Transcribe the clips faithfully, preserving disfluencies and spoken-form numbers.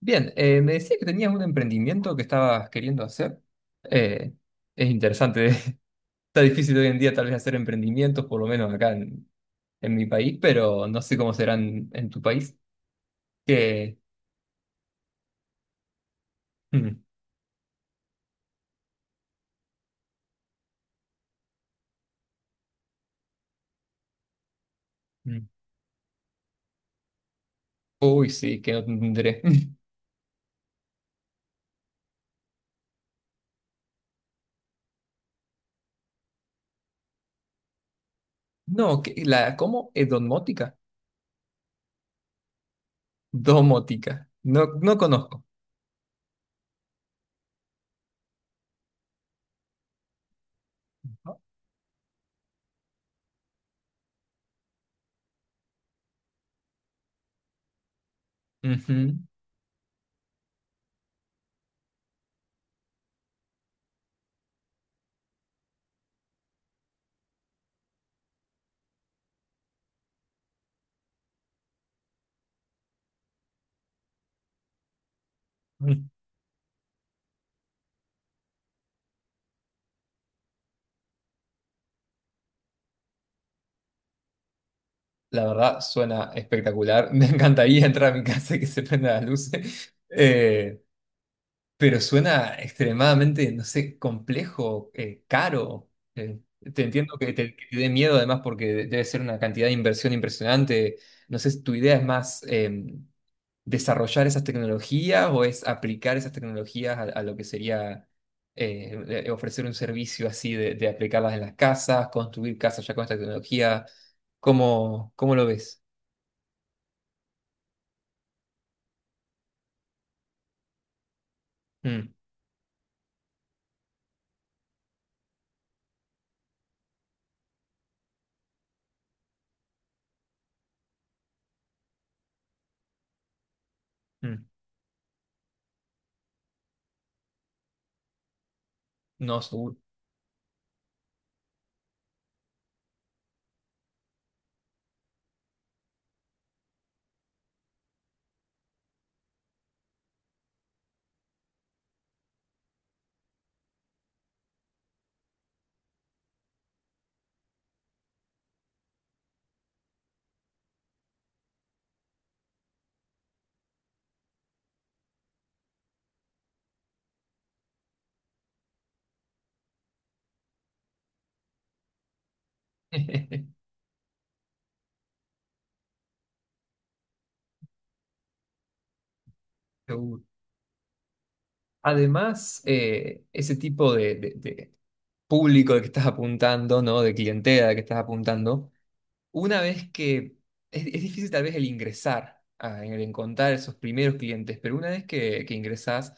Bien, eh, me decía que tenías un emprendimiento que estabas queriendo hacer. Eh, es interesante. Está difícil hoy en día tal vez hacer emprendimientos, por lo menos acá en, en mi país, pero no sé cómo serán en tu país. Que, mm, mm. Uy, sí, que no tendré. No, que, la, ¿cómo? ¿Es domótica? Domótica. No, no conozco. Ujú. Mm. La verdad, suena espectacular. Me encantaría entrar a mi casa y que se prenda la luz. Pero suena extremadamente, no sé, complejo, eh, caro. Eh, Te entiendo que te, que te dé miedo además porque de- debe ser una cantidad de inversión impresionante. No sé si tu idea es más eh, desarrollar esas tecnologías o es aplicar esas tecnologías a, a lo que sería eh, eh, ofrecer un servicio así de, de aplicarlas en las casas, construir casas ya con esta tecnología. ¿Cómo, cómo lo ves? Mm, mm, no, seguro. Seguro. Además, eh, ese tipo de, de- de público al que estás apuntando, ¿no? De clientela al que estás apuntando, una vez que es, es difícil tal vez el ingresar, a- el encontrar esos primeros clientes, pero una vez que, que ingresás,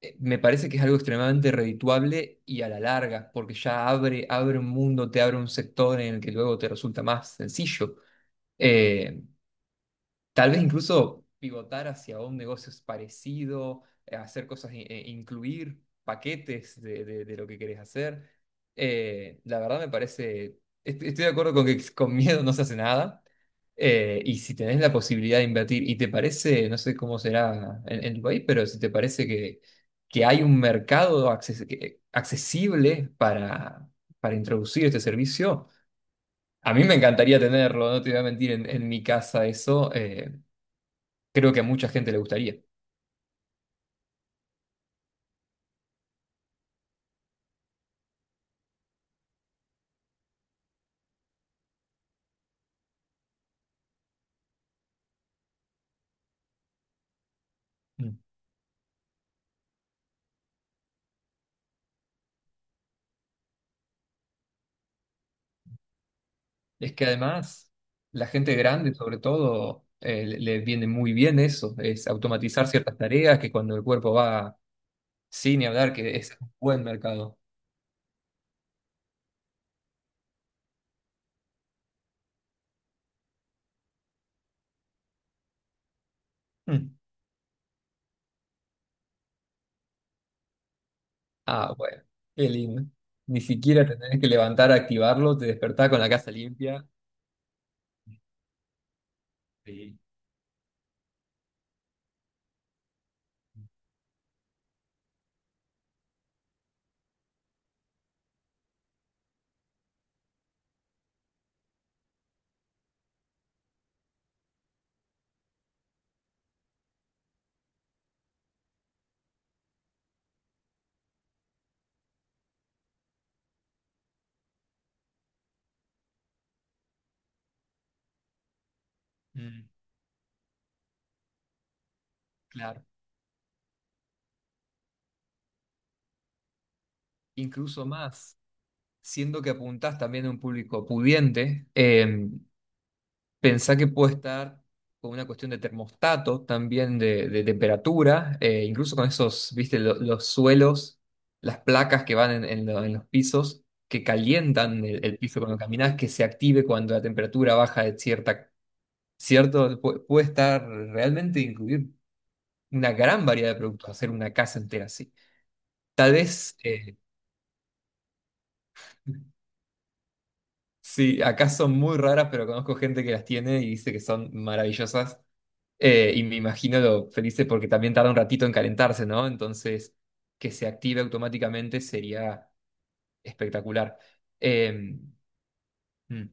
eh, me parece que es algo extremadamente redituable y a la larga, porque ya abre, abre un mundo, te abre un sector en el que luego te resulta más sencillo. Eh, Tal vez incluso pivotar hacia un negocio es parecido, eh, hacer cosas, i- eh, incluir paquetes de, de- de lo que querés hacer. Eh, la verdad me parece, est- estoy de acuerdo con que con miedo no se hace nada. Eh, y si tenés la posibilidad de invertir y te parece, no sé cómo será en, en tu país, pero si te parece que, que hay un mercado acces- que- accesible para, para introducir este servicio, a mí me encantaría tenerlo, no te voy a mentir, en, en mi casa eso. Eh, creo que a mucha gente le gustaría. Mm. Es que además, la gente grande, sobre todo, eh, le le viene muy bien eso, es automatizar ciertas tareas que cuando el cuerpo va sin ni hablar, que es un buen mercado. Mm. Ah, bueno, qué lindo. Ni siquiera te tenés que levantar a activarlo, te despertás con la casa limpia. Sí. Mm, claro. Incluso más, siendo que apuntás también a un público pudiente, em, pensá que puede estar con una cuestión de termostato, también de, de temperatura, eh, incluso con esos, viste, lo- los suelos, las placas que van en, en lo- en los pisos, que calientan el, el piso cuando caminas, que se active cuando la temperatura baja de cierta, cierto. Pu- puede estar realmente incluir una gran variedad de productos, hacer una casa entera así. Tal vez, eh, sí, acá son muy raras, pero conozco gente que las tiene y dice que son maravillosas. Eh, y me imagino lo felices porque también tarda un ratito en calentarse, ¿no? Entonces, que se active automáticamente sería espectacular. Eh, mm.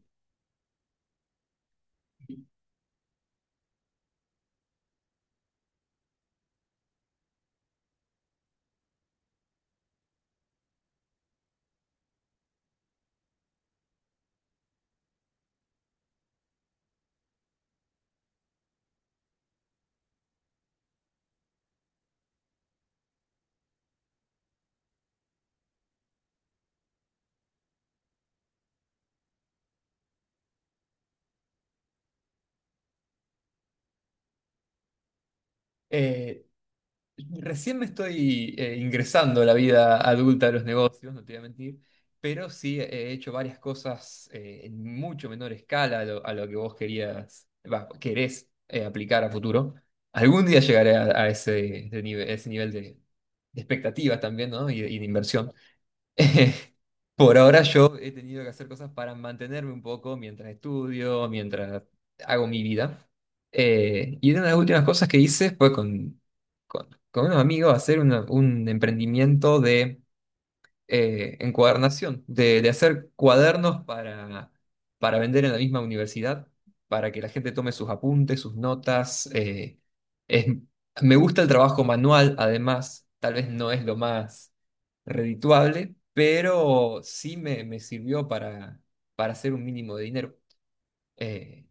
Eh, Recién me estoy eh, ingresando a la vida adulta de los negocios, no te voy a mentir, pero sí he hecho varias cosas eh, en mucho menor escala a lo, a lo que vos querías, va, querés eh, aplicar a futuro. Algún día llegaré a, a ese, ese nivel, ese nivel de, de expectativas también, ¿no? Y, y de inversión. Por ahora yo he tenido que hacer cosas para mantenerme un poco mientras estudio, mientras hago mi vida. Eh, y una de las últimas cosas que hice fue con, con, con unos amigos hacer una- un emprendimiento de eh, encuadernación, de, de hacer cuadernos para, para vender en la misma universidad, para que la gente tome sus apuntes, sus notas. eh, es- Me gusta el trabajo manual, además, tal vez no es lo más redituable, pero sí me, me sirvió para, para hacer un mínimo de dinero. Eh,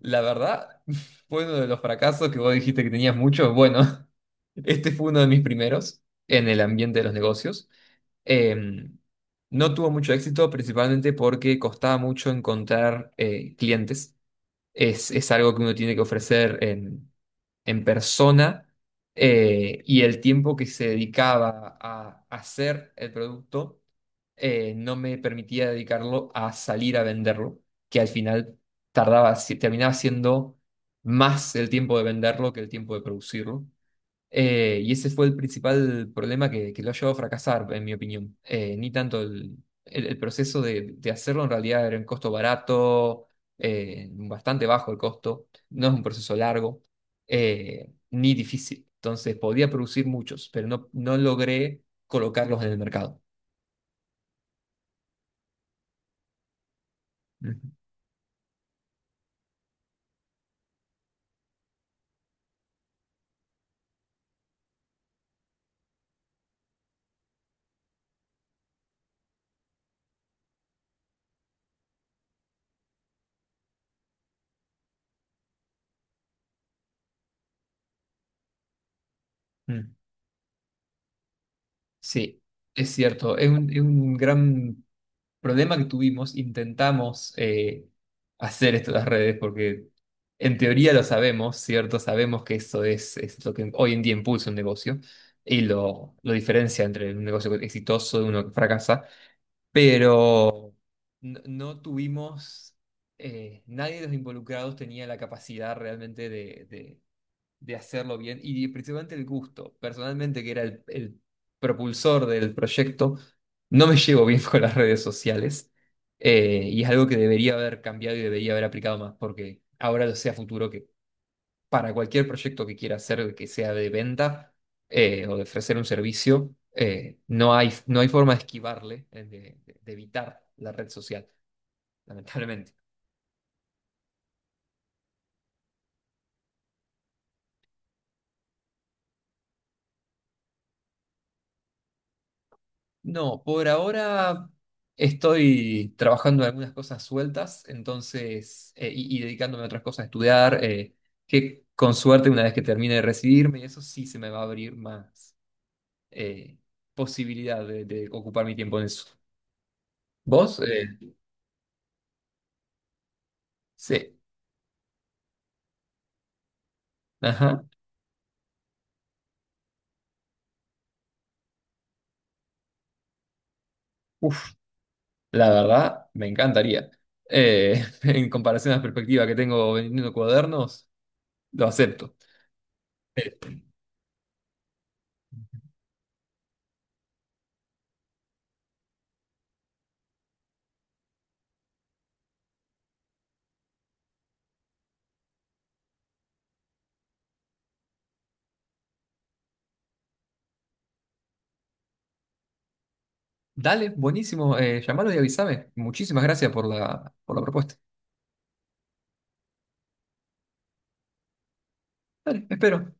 la verdad, fue uno de los fracasos que vos dijiste que tenías muchos. Bueno, este fue uno de mis primeros en el ambiente de los negocios. Em, no tuvo mucho éxito, principalmente porque costaba mucho encontrar eh, clientes. Es, es algo que uno tiene que ofrecer en, en persona eh, y el tiempo que se dedicaba a hacer el producto eh, no me permitía dedicarlo a salir a venderlo, que al final tardaba, si- terminaba siendo más el tiempo de venderlo que el tiempo de producirlo. Eh, y ese fue el principal problema que, que lo ha llevado a fracasar, en mi opinión. Eh, ni tanto el, el- el proceso de, de hacerlo, en realidad era un costo barato, eh, bastante bajo el costo, no es un proceso largo, eh, ni difícil. Entonces podía producir muchos, pero no, no logré colocarlos en el mercado. Ujú. Mm. Sí, es cierto, es un, es un gran problema que tuvimos, intentamos eh, hacer esto de las redes, porque en teoría lo sabemos, ¿cierto? Sabemos que eso es, es lo que hoy en día impulsa un negocio y lo, lo diferencia entre un negocio exitoso de uno que fracasa, pero no, no tuvimos, eh, nadie de los involucrados tenía la capacidad realmente de, de de hacerlo bien y principalmente el gusto. Personalmente, que era el, el propulsor del proyecto, no me llevo bien con las redes sociales eh, y es algo que debería haber cambiado y debería haber aplicado más porque ahora lo sé a futuro que para cualquier proyecto que quiera hacer, que sea de venta eh, o de ofrecer un servicio, eh, no hay, no hay forma de esquivarle, eh, de de- de evitar la red social, lamentablemente. No, por ahora estoy trabajando en algunas cosas sueltas, entonces, eh, y, y dedicándome a otras cosas, a estudiar, eh, que con suerte una vez que termine de recibirme, eso sí se me va a abrir más eh, posibilidad de, de ocupar mi tiempo en eso. ¿Vos? Eh, sí. Ajá. Uf, la verdad, me encantaría. Eh, en comparación a la perspectiva que tengo vendiendo cuadernos, lo acepto. Eh, Dale, buenísimo. Eh, llamalo y avísame. Muchísimas gracias por la, por la propuesta. Dale, espero.